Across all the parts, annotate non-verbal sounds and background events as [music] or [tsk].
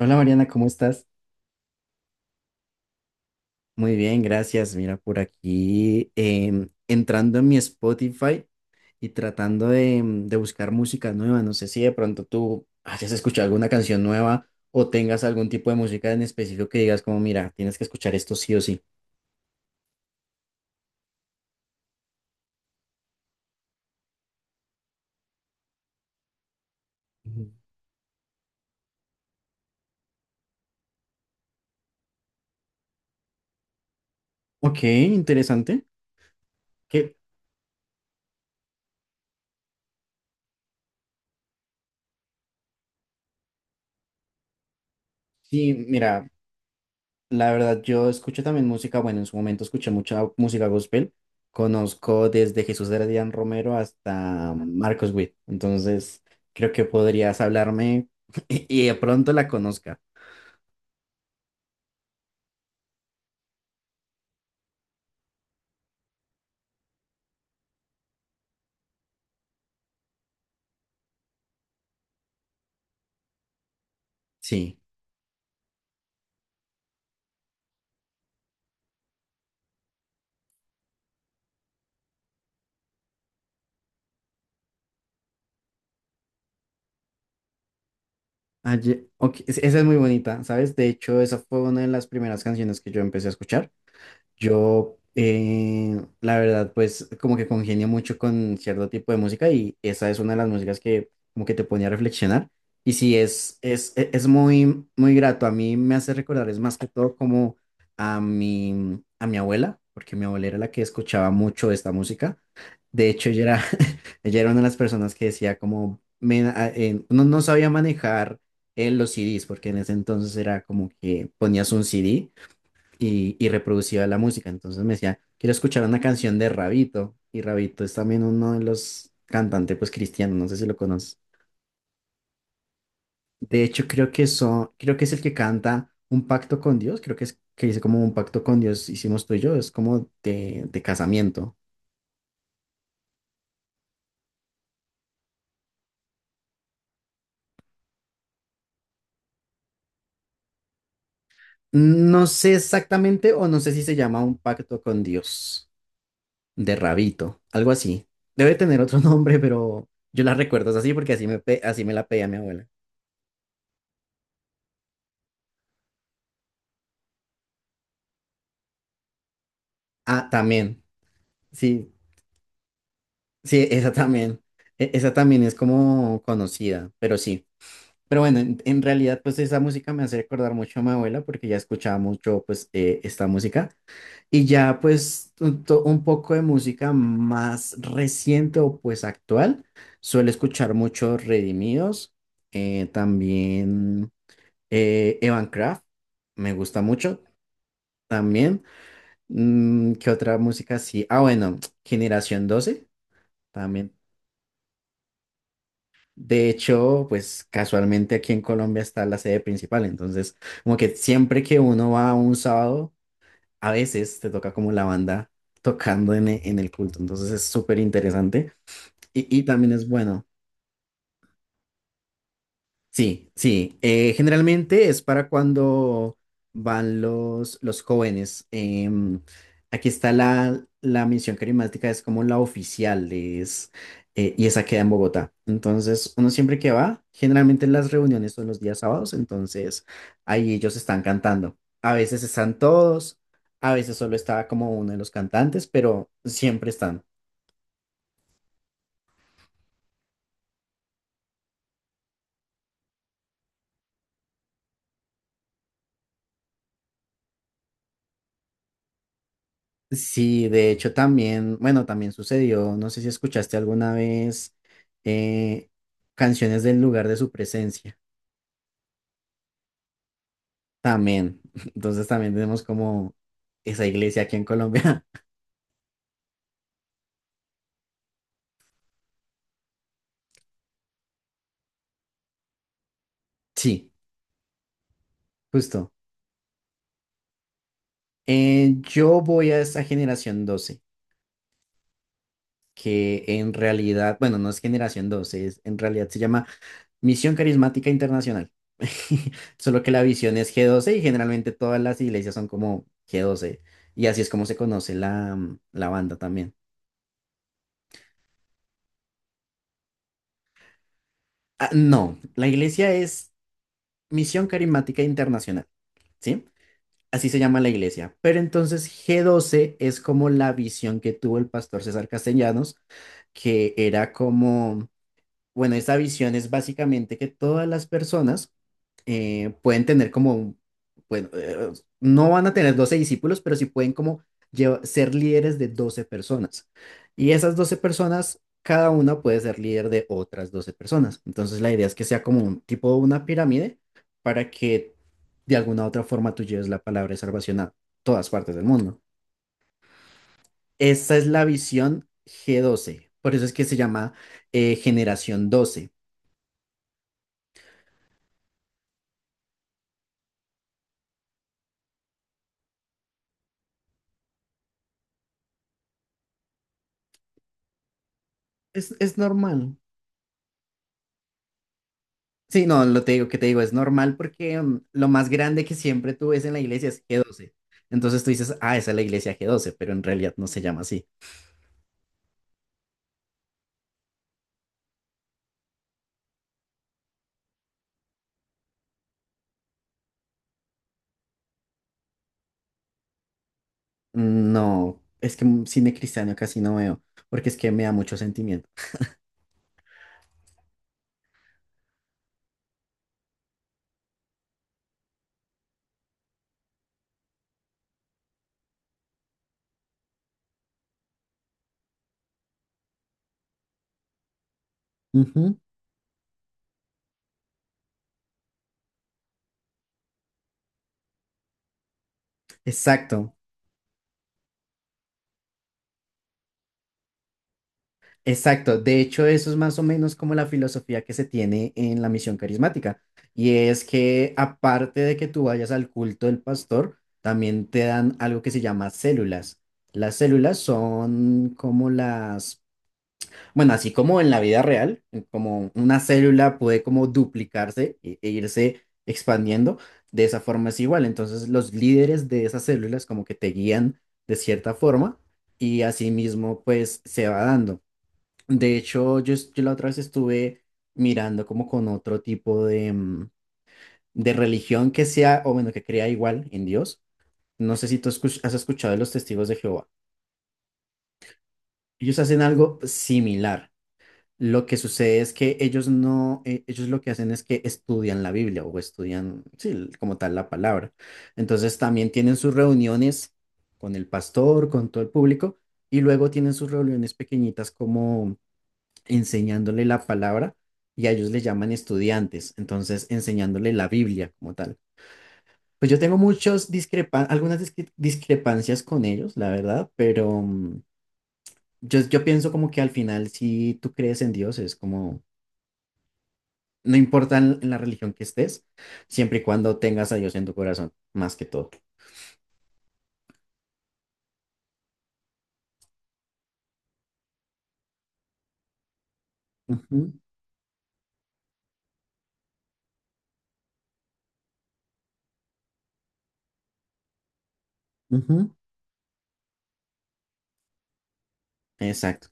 Hola Mariana, ¿cómo estás? Muy bien, gracias. Mira, por aquí entrando en mi Spotify y tratando de, de buscar música nueva. No sé si de pronto tú hayas escuchado alguna canción nueva o tengas algún tipo de música en específico que digas como, mira, tienes que escuchar esto sí o sí. Ujú. Ok, interesante. Que sí, mira. La verdad, yo escucho también música, bueno, en su momento escuché mucha música gospel. Conozco desde Jesús Heredián Romero hasta Marcos Witt. Entonces, creo que podrías hablarme [laughs] y de pronto la conozca. Sí. Ok, esa es muy bonita, ¿sabes? De hecho, esa fue una de las primeras canciones que yo empecé a escuchar. Yo, la verdad, pues como que congenio mucho con cierto tipo de música y esa es una de las músicas que como que te pone a reflexionar. Y sí, es muy, muy grato. A mí me hace recordar, es más que todo como a mi abuela, porque mi abuela era la que escuchaba mucho esta música. De hecho, [laughs] ella era una de las personas que decía como, "Men, no, no sabía manejar los CDs, porque en ese entonces era como que ponías un CD y reproducía la música. Entonces me decía, quiero escuchar una canción de Rabito. Y Rabito es también uno de los cantantes pues cristianos, no sé si lo conoces. De hecho, creo que es el que canta Un pacto con Dios, creo que es que dice como un pacto con Dios hicimos tú y yo, es como de casamiento. No sé exactamente, o no sé si se llama Un pacto con Dios, de Rabito, algo así. Debe tener otro [laughs] nombre, pero yo la recuerdo así porque así me, así me la pedía mi abuela. Ah, también. Sí, sí, esa también, esa también es como conocida, pero sí. Pero bueno, en realidad pues esa música me hace recordar mucho a mi abuela porque ya escuchaba mucho pues esta música y ya pues un poco de música más reciente o pues actual. Suelo escuchar mucho Redimidos, también Evan Kraft, me gusta mucho también. ¿Qué otra música sí? Ah, bueno, [tsk] Generación Doce también. De hecho, pues casualmente aquí en Colombia está la sede principal, entonces como que siempre que uno va un sábado, a veces te toca como la banda tocando en, en el culto, entonces es súper interesante y también es bueno. Sí, sí. Generalmente es para cuando van los jóvenes. Aquí está la, la misión carismática, es como la oficial, es, y esa queda en Bogotá. Entonces, uno siempre que va, generalmente las reuniones son los días sábados, entonces ahí ellos están cantando. A veces están todos, a veces solo está como uno de los cantantes, pero siempre están. Sí, de hecho también, bueno, también sucedió, no sé si escuchaste alguna vez eh, canciones del lugar de su presencia, también, [laughs] entonces también tenemos como esa iglesia aquí en Colombia. [laughs] Sí, justo. Yo voy a esa generación doce, que en realidad, bueno, no es Generación doce, es, en realidad se llama Misión Carismática Internacional. [laughs] Solo que la visión es g doce y generalmente todas las iglesias son como g doce. Y así es como se conoce la, la banda también. Ah, no, la iglesia es Misión Carismática Internacional, ¿sí? Así se llama la iglesia. Pero entonces g doce es como la visión que tuvo el pastor César Castellanos, que era como. Bueno, esta visión es básicamente que todas las personas pueden tener como, bueno, no van a tener 12 discípulos, pero sí pueden como ser líderes de 12 personas. Y esas 12 personas, cada una puede ser líder de otras 12 personas. Entonces la idea es que sea como un tipo una pirámide para que de alguna u otra forma tú lleves la palabra de salvación a todas partes del mundo. Esa es la visión g doce. Por eso es que se llama generación doce. Es normal. Sí, no, lo te digo que te digo, es normal porque lo más grande que siempre tú ves en la iglesia es g doce. Entonces tú dices, ah, esa es la iglesia g doce, pero en realidad no se llama así. No, es que cine cristiano casi no veo, porque es que me da mucho sentimiento. Ujú, exacto. Exacto, de hecho eso es más o menos como la filosofía que se tiene en la misión carismática, y es que aparte de que tú vayas al culto del pastor, también te dan algo que se llama células. Las células son como las, bueno, así como en la vida real, como una célula puede como duplicarse e irse expandiendo, de esa forma es igual, entonces los líderes de esas células como que te guían de cierta forma y asimismo pues se va dando. De hecho, yo la otra vez estuve mirando como con otro tipo de, de religión que sea, o bueno, que crea igual en Dios. No sé si tú has escuchado de los testigos de Jehová. Ellos hacen algo similar. Lo que sucede es que ellos no, e- ellos lo que hacen es que estudian la Biblia o estudian, sí, como tal la palabra. Entonces también tienen sus reuniones con el pastor, con todo el público, y luego tienen sus reuniones pequeñitas enseñándole la palabra y a ellos le llaman estudiantes, entonces enseñándole la Biblia como tal. Pues yo tengo muchos discrepan algunas discre- discrepancias con ellos, la verdad, pero yo, yo pienso como que al final si tú crees en Dios es como, no importa en la religión que estés, siempre y cuando tengas a Dios en tu corazón, más que todo. Ujú, ujú, exacto,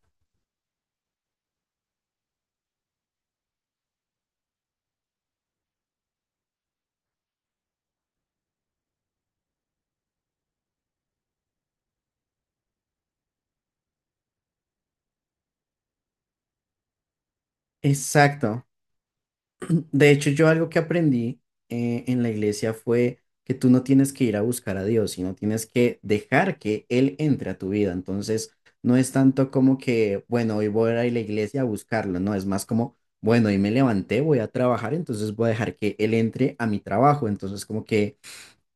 exacto. De hecho, yo algo que aprendí en la iglesia fue que tú no tienes que ir a buscar a Dios, sino tienes que dejar que Él entre a tu vida. Entonces, no es tanto como que, bueno, hoy voy a ir a la iglesia a buscarlo, no, es más como, bueno, hoy me levanté, voy a trabajar, entonces voy a dejar que Él entre a mi trabajo. Entonces, como que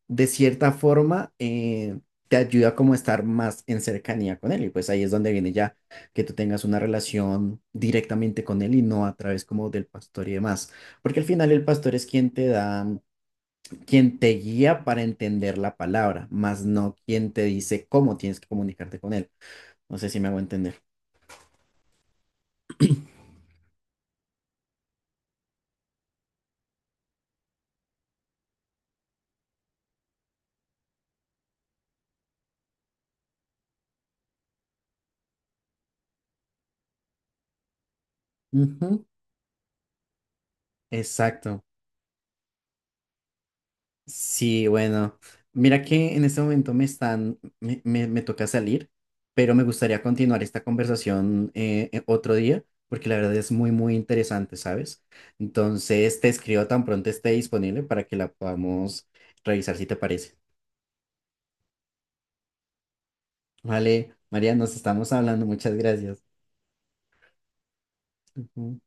de cierta forma te ayuda como a estar más en cercanía con él y pues ahí es donde viene ya que tú tengas una relación directamente con él y no a través como del pastor y demás, porque al final el pastor es quien te da, quien te guía para entender la palabra, más no quien te dice cómo tienes que comunicarte con él. No sé si me hago entender. Ujú, exacto. Sí, bueno, mira que en este momento me toca salir, pero me gustaría continuar esta conversación otro día, porque la verdad es muy, muy interesante, ¿sabes? Entonces te escribo tan pronto esté disponible para que la podamos revisar si te parece. Vale, María, nos estamos hablando, muchas gracias. Ujú.